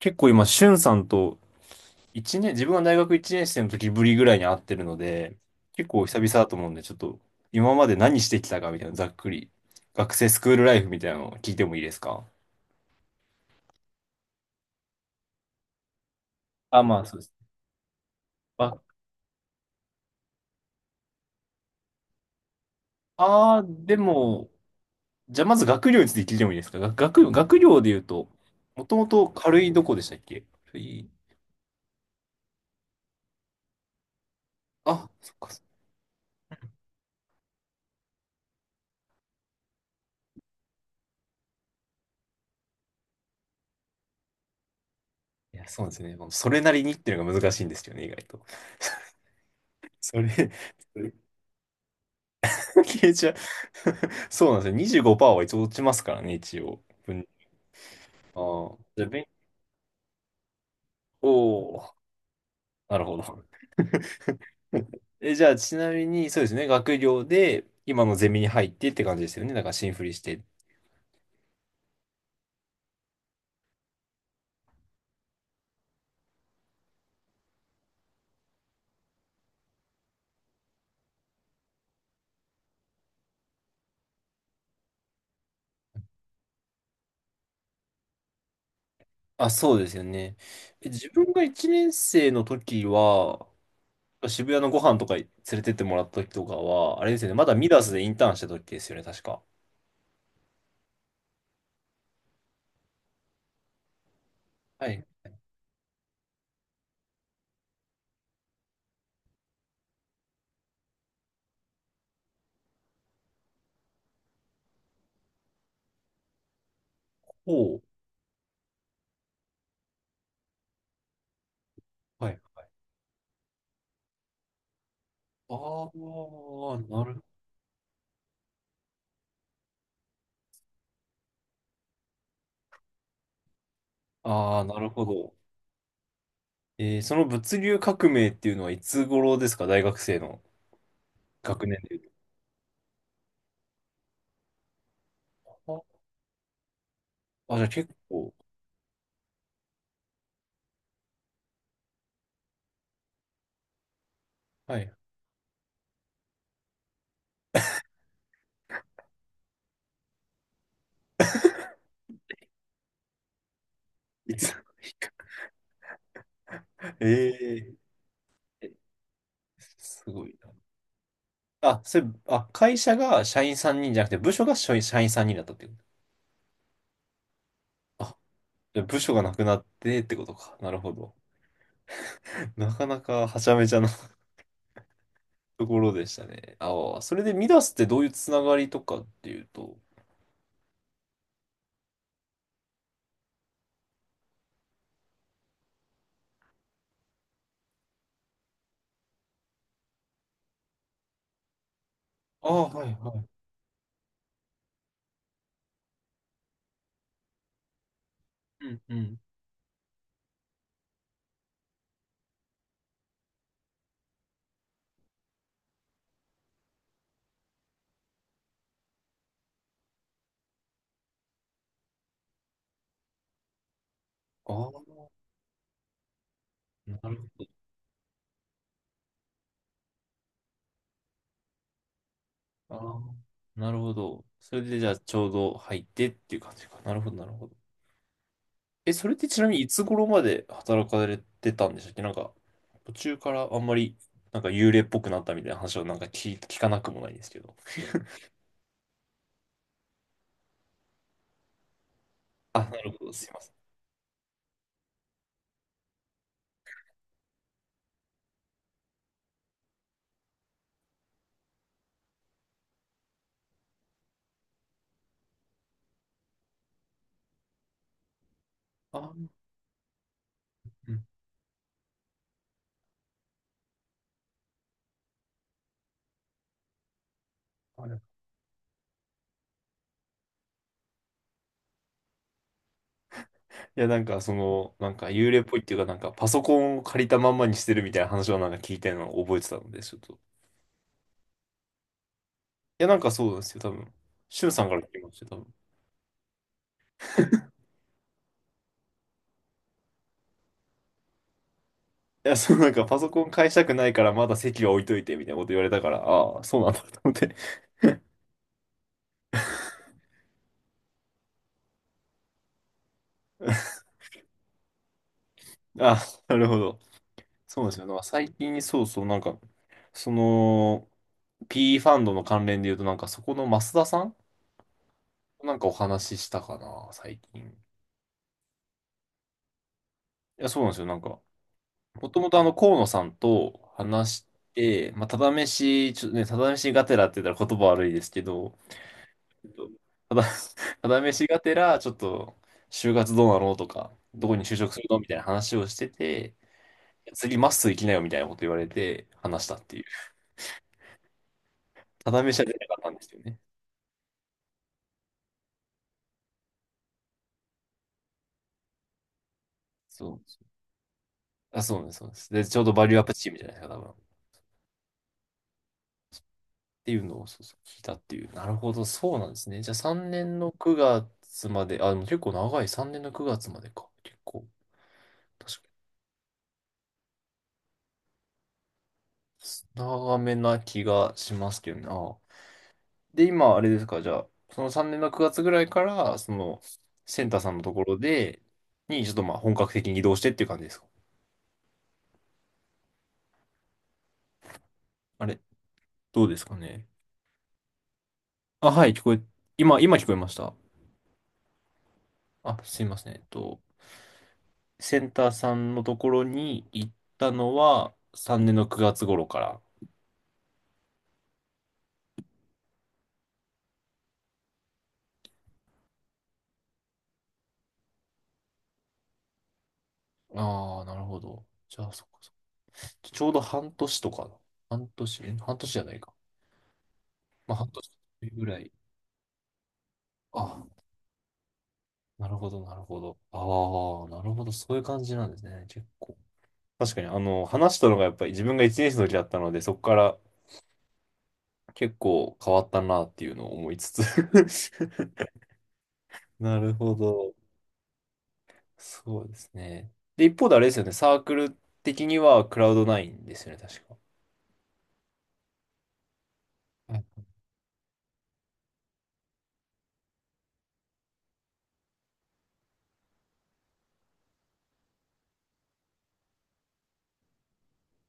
結構今、しゅんさんと一年、自分が大学1年生の時ぶりぐらいに会ってるので、結構久々だと思うんで、ちょっと今まで何してきたかみたいな、ざっくり。学生スクールライフみたいなのを聞いてもいいですか？あ、まあそうです。あ、でも、じゃあまず学業について聞いてもいいですか？学業で言うと、もともと軽いどこでしたっけ？軽い、あ、そっか。いや、そうですね。まあそれなりにっていうのが難しいんですよね、意外と。それ、消えちゃう。 そうなんですよ。25%は一応落ちますからね、一応。ああ。じゃあ、おお、なるほど。え、じゃあ、ちなみに、そうですね、学業で、今のゼミに入ってって感じですよね。だから、新振りして。あ、そうですよね。え、自分が1年生の時は、渋谷のご飯とか連れてってもらった時とかは、あれですよね、まだミダスでインターンした時ですよね、確か。はい。おお。はい。はい。ああ、なるなるほど。えー、その物流革命っていうのはいつ頃ですか？大学生の学年で言うと。あ、あ、じゃあ結構、はい。いつ、えー、え、すごいな。あ、それ、あ、会社が社員3人じゃなくて、部署が社員3人だったってこと。あ、じゃあ部署がなくなってってことか。なるほど。なかなかはちゃめちゃな ところでしたね。ああ、それでミダスってどういうつながりとかっていうと。ああ、はいはい。うんうん。ああ、なるほど。ああ、なるほど。それでじゃあちょうど入ってっていう感じか。なるほど、なるほど。え、それってちなみにいつ頃まで働かれてたんでしたっけ？なんか、途中からあんまり、なんか幽霊っぽくなったみたいな話をなんか聞かなくもないんですけど。あ、なるほど、すいません。あ、うん。あれ、いや、なんかその、なんか幽霊っぽいっていうか、なんかパソコンを借りたまんまにしてるみたいな話をなんか聞いたのを覚えてたので、ちょっと。いや、なんかそうなんですよ、多分。しゅんさんから聞きました、多分。いや、そう、なんかパソコン返したくないからまだ席は置いといてみたいなこと言われたから、ああ、そうなんだと思って。あ、なるほど。そうなんですよ。なんか最近、そうそう、なんか、その、P ファンドの関連で言うと、なんかそこの増田さんなんかお話ししたかな、最近。いや、そうなんですよ。なんか、もともとあの、河野さんと話して、まあ、ただ飯、ちょっとね、ただ飯がてらって言ったら言葉悪いですけど、ちょっとただ、ただ飯がてら、ちょっと、就活どうなのとか、どこに就職するのみたいな話をしてて、次まっすー行きなよみたいなこと言われて、話したっていう。ただ飯は出なかったんですよね。そう。あ、そうです、そうです。で、ちょうどバリューアップチームじゃないですか、多分。っていうのを、そうそう、聞いたっていう。なるほど、そうなんですね。じゃあ3年の9月まで、あ、でも結構長い、3年の9月までか。結構、確かに。長めな気がしますけどね。ああ、で、今、あれですか、じゃあ、その3年の9月ぐらいから、その、センターさんのところで、に、ちょっとまあ、本格的に移動してっていう感じですか？あれ、どうですかね。あ、はい、聞こえ、今、今聞こえました。あ、すいません。えっと、センターさんのところに行ったのは、3年の9月頃から。ああ、なるほど。じゃあ、そっかそっか。ちょうど半年とか。半年、え、半年じゃないか。まあ、半年ぐらい。あ、なるほど、なるほど。ああ、なるほど。そういう感じなんですね。結構。確かに、あの、話したのがやっぱり自分が1年生の時だったので、そこから結構変わったなっていうのを思いつつ なるほど。そうですね。で、一方であれですよね。サークル的にはクラウドナインですよね、確か。はい、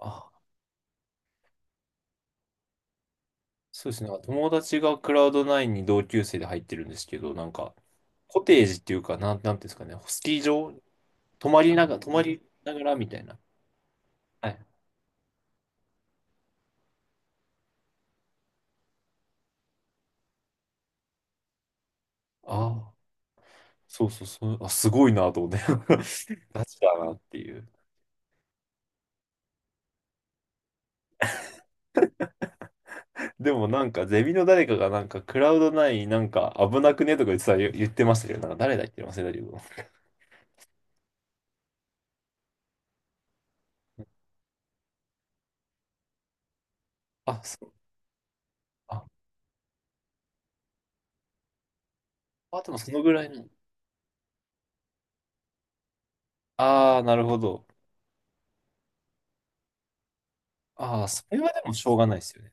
あ、そうですね。なんか友達がクラウドナインに同級生で入ってるんですけど、なんか、コテージっていうか、なん、なんていうんですかね。スキー場泊まりながら、泊まりながらみたいな。はい、ああ、そうそうそう、あ、すごいなと思って、ガチだなっていう。でもなんか、ゼミの誰かがなんか、クラウド内なんか危なくねとか言ってましたけど、なんか誰だっけ忘れたけど。あ、そう、あ、あ、でもそのぐらいの。ああ、なるほど。ああ、それはでもしょうがないですよね。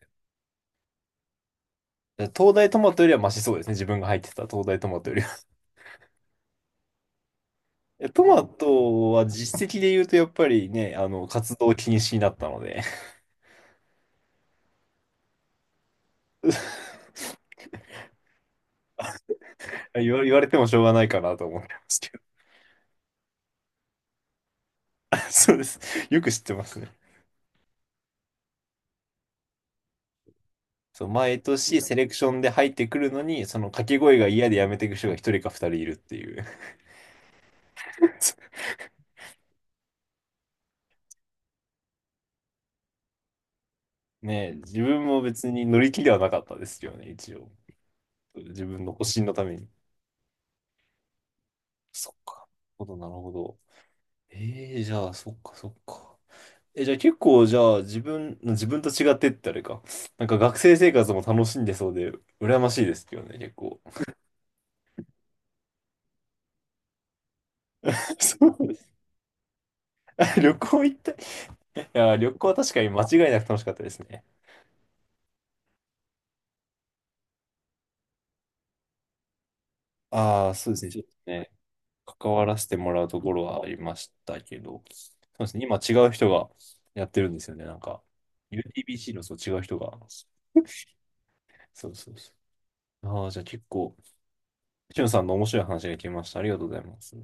東大トマトよりはマシそうですね。自分が入ってた東大トマトよりは。いや、トマトは実績で言うと、やっぱりね、あの、活動禁止になったので 言われてもしょうがないかなと思ってますけど。そうです。よく知ってますね。そう、毎年セレクションで入ってくるのに、その掛け声が嫌でやめていく人が一人か二人いるっていう。ねえ、自分も別に乗り気ではなかったですよね、一応。自分の保身のために。そっか。なるほど、なるほど。ええ、じゃあ、そっか、そっか。え、じゃあ結構、じゃあ、自分と違ってってあれか。なんか学生生活も楽しんでそうで、羨ましいですけどね、結構。そうです、あ 旅行行った。いや、旅行は確かに間違いなく楽しかったですね。ああ、そうですね。ちょっとね、関わらせてもらうところはありましたけど、そうですね、今違う人がやってるんですよね、なんか。UTBC のそう違う人が。そうそうそう。ああ、じゃあ結構、しゅんさんの面白い話が聞けました。ありがとうございます。